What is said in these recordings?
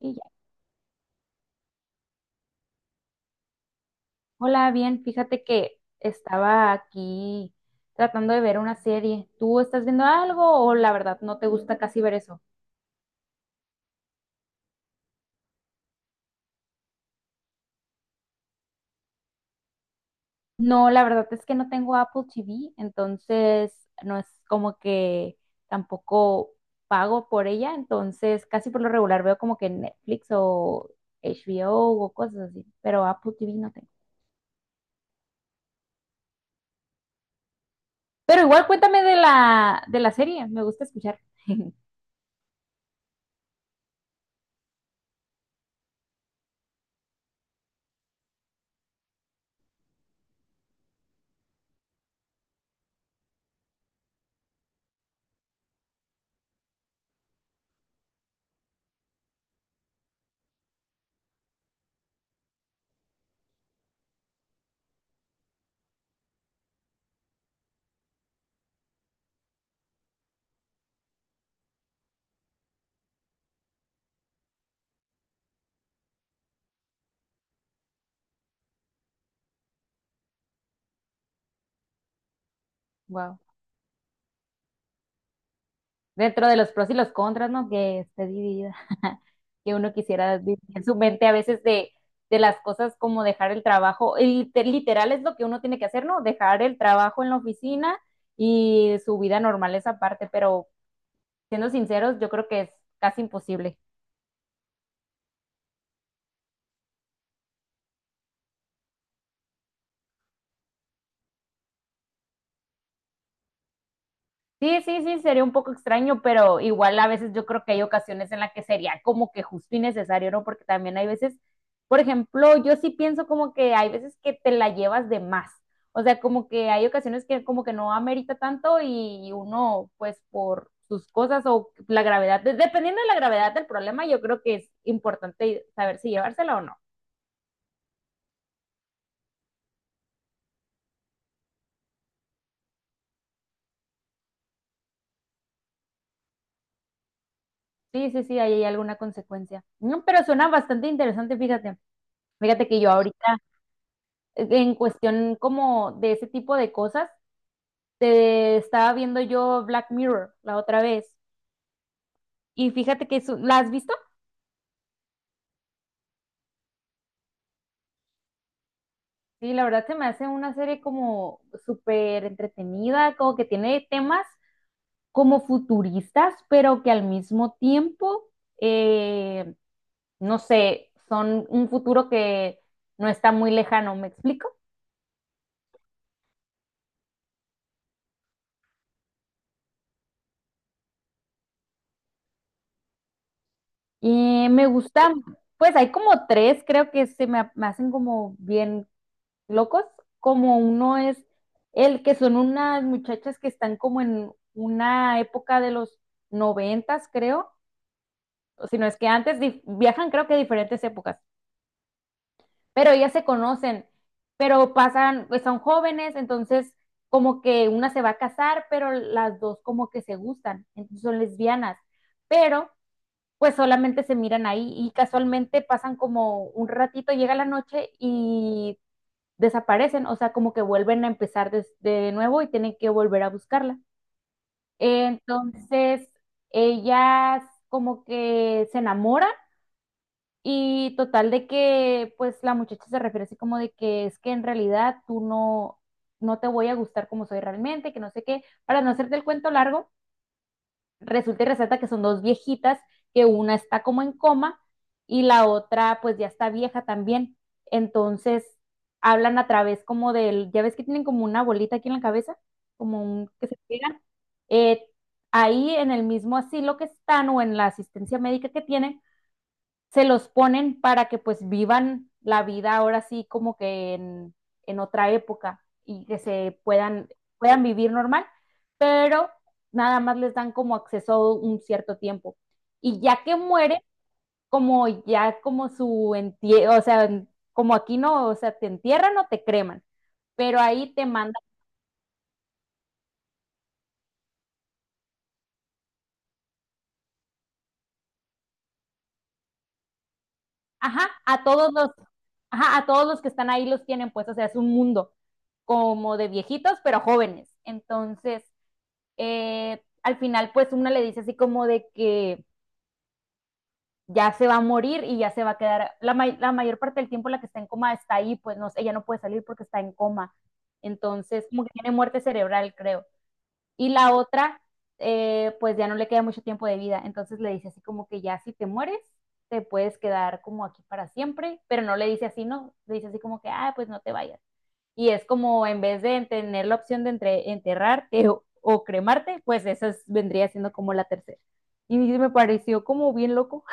Y ya. Hola, bien, fíjate que estaba aquí tratando de ver una serie. ¿Tú estás viendo algo o la verdad no te gusta casi ver eso? No, la verdad es que no tengo Apple TV, entonces no es como que tampoco pago por ella, entonces casi por lo regular veo como que Netflix o HBO o cosas así, pero Apple TV no tengo. Pero igual cuéntame de la serie, me gusta escuchar. Wow. Dentro de los pros y los contras, ¿no? Que esté dividida. Que uno quisiera vivir en su mente a veces de las cosas como dejar el trabajo. Y literal es lo que uno tiene que hacer, ¿no? Dejar el trabajo en la oficina y su vida normal es aparte, pero siendo sinceros, yo creo que es casi imposible. Sí, sí, sí, sería un poco extraño, pero igual a veces yo creo que hay ocasiones en las que sería como que justo y necesario, ¿no? Porque también hay veces, por ejemplo, yo sí pienso como que hay veces que te la llevas de más. O sea, como que hay ocasiones que como que no amerita tanto y uno, pues por sus cosas o la gravedad, dependiendo de la gravedad del problema, yo creo que es importante saber si llevársela o no. Sí, sí, sí, ahí hay alguna consecuencia. No, pero suena bastante interesante, fíjate. Fíjate que yo ahorita, en cuestión como de ese tipo de cosas, te estaba viendo yo Black Mirror la otra vez. Y fíjate que ¿la has visto? Sí, la verdad se me hace una serie como súper entretenida, como que tiene temas como futuristas, pero que al mismo tiempo, eh, no sé, son un futuro que no está muy lejano, ¿me explico? Y me gusta, pues hay como tres, creo que se me hacen como bien locos, como uno es el que son unas muchachas que están como en una época de los noventas, creo, o si no es que antes viajan, creo que a diferentes épocas, pero ellas se conocen, pero pasan, pues son jóvenes, entonces como que una se va a casar, pero las dos como que se gustan, entonces son lesbianas, pero pues solamente se miran ahí y casualmente pasan como un ratito, llega la noche y desaparecen, o sea, como que vuelven a empezar de nuevo y tienen que volver a buscarla. Entonces, ellas como que se enamoran y total de que, pues la muchacha se refiere así como de que es que en realidad tú no, no te voy a gustar como soy realmente, que no sé qué, para no hacerte el cuento largo, resulta y resalta que son dos viejitas, que una está como en coma y la otra pues ya está vieja también. Entonces hablan a través como del, ya ves que tienen como una bolita aquí en la cabeza, como un que se pegan. Eh, ahí en el mismo asilo que están o en la asistencia médica que tienen, se los ponen para que pues vivan la vida ahora sí como que en otra época y que se puedan vivir normal, pero nada más les dan como acceso un cierto tiempo. Y ya que muere, como ya como su entie o sea, como aquí no, o sea, te entierran o te creman, pero ahí te mandan, ajá, a ajá, a todos los que están ahí los tienen pues, o sea, es un mundo como de viejitos, pero jóvenes. Entonces, al final pues una le dice así como de que ya se va a morir y ya se va a quedar, la mayor parte del tiempo la que está en coma está ahí, pues no, ella no puede salir porque está en coma. Entonces, como que tiene muerte cerebral, creo. Y la otra, pues ya no le queda mucho tiempo de vida. Entonces le dice así como que ya si te mueres, te puedes quedar como aquí para siempre, pero no le dice así, no, le dice así como que, ah, pues no te vayas. Y es como en vez de tener la opción de enterrarte o cremarte, pues vendría siendo como la tercera. Y me pareció como bien loco.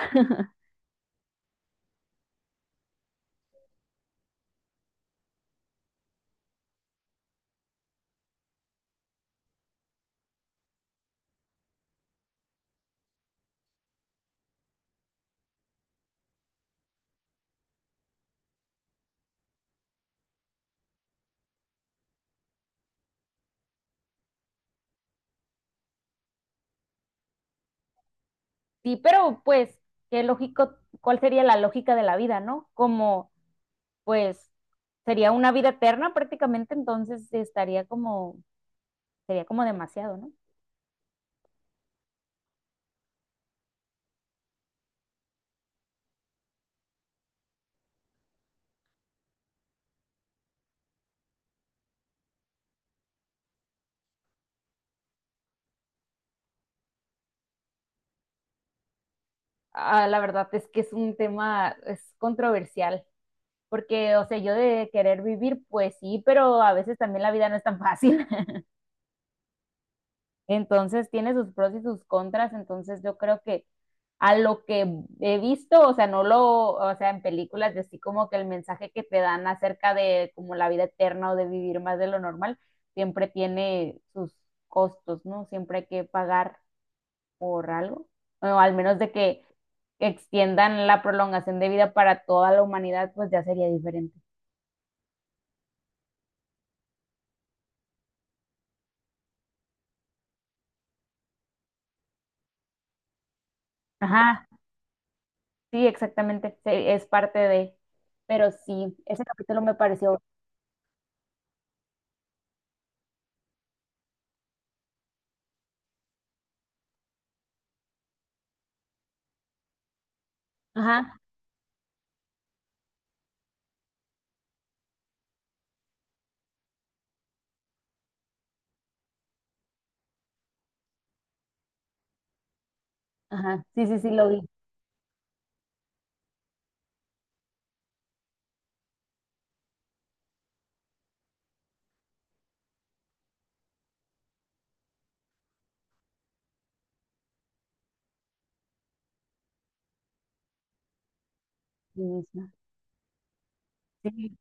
Sí, pero pues, qué lógico, ¿cuál sería la lógica de la vida, no? Como, pues, sería una vida eterna prácticamente, entonces estaría como, sería como demasiado, ¿no? Ah, la verdad es que es un tema, es controversial, porque, o sea, yo de querer vivir, pues sí, pero a veces también la vida no es tan fácil. Entonces tiene sus pros y sus contras, entonces yo creo que a lo que he visto, o sea, no lo, o sea, en películas, así como que el mensaje que te dan acerca de como la vida eterna o de vivir más de lo normal, siempre tiene sus costos, ¿no? Siempre hay que pagar por algo, o al menos de que extiendan la prolongación de vida para toda la humanidad, pues ya sería diferente. Ajá, sí, exactamente, sí, es parte de, pero sí, ese capítulo me pareció, ajá. Ajá, sí, sí, sí, lo vi. Sí, sí, sí.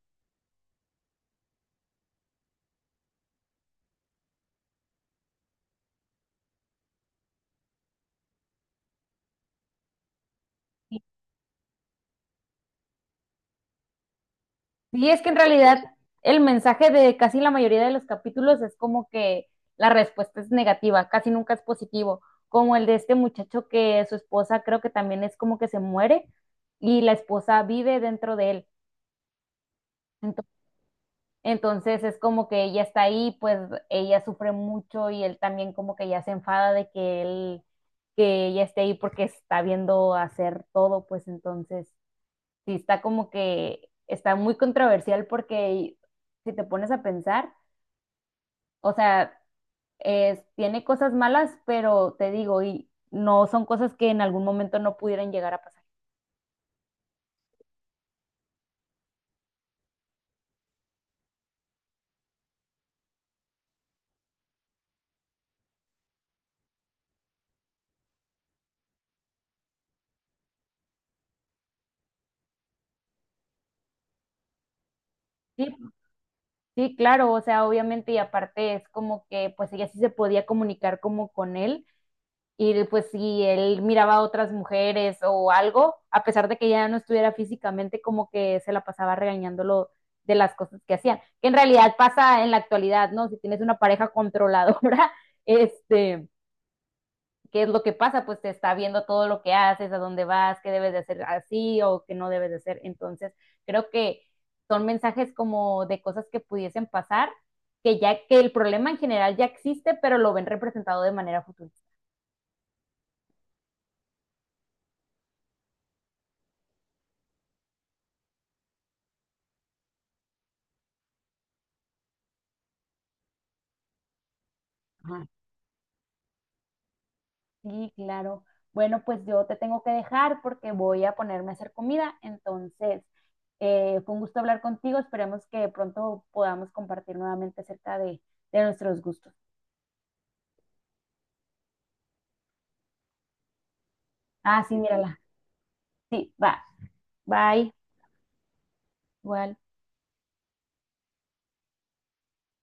Sí, sí, es que en realidad el mensaje de casi la mayoría de los capítulos es como que la respuesta es negativa, casi nunca es positivo, como el de este muchacho que su esposa creo que también es como que se muere y la esposa vive dentro de él. Ento- Entonces es como que ella está ahí, pues ella sufre mucho y él también como que ya se enfada de que ella esté ahí porque está viendo hacer todo, pues entonces sí está como que está muy controversial porque si te pones a pensar, o sea, tiene cosas malas, pero te digo, y no son cosas que en algún momento no pudieran llegar a pasar. Sí, sí, claro, o sea, obviamente y aparte es como que pues ella sí se podía comunicar como con él y pues si él miraba a otras mujeres o algo, a pesar de que ya no estuviera físicamente, como que se la pasaba regañándolo de las cosas que hacían, que en realidad pasa en la actualidad, ¿no? Si tienes una pareja controladora, este, ¿qué es lo que pasa? Pues te está viendo todo lo que haces, a dónde vas, qué debes de hacer así o qué no debes de hacer. Entonces, creo que son mensajes como de cosas que pudiesen pasar, que ya que el problema en general ya existe, pero lo ven representado de manera futurista. Sí, claro. Bueno, pues yo te tengo que dejar porque voy a ponerme a hacer comida. Entonces, fue un gusto hablar contigo. Esperemos que pronto podamos compartir nuevamente acerca de nuestros gustos. Ah, sí, mírala. Sí, va. Bye. Igual.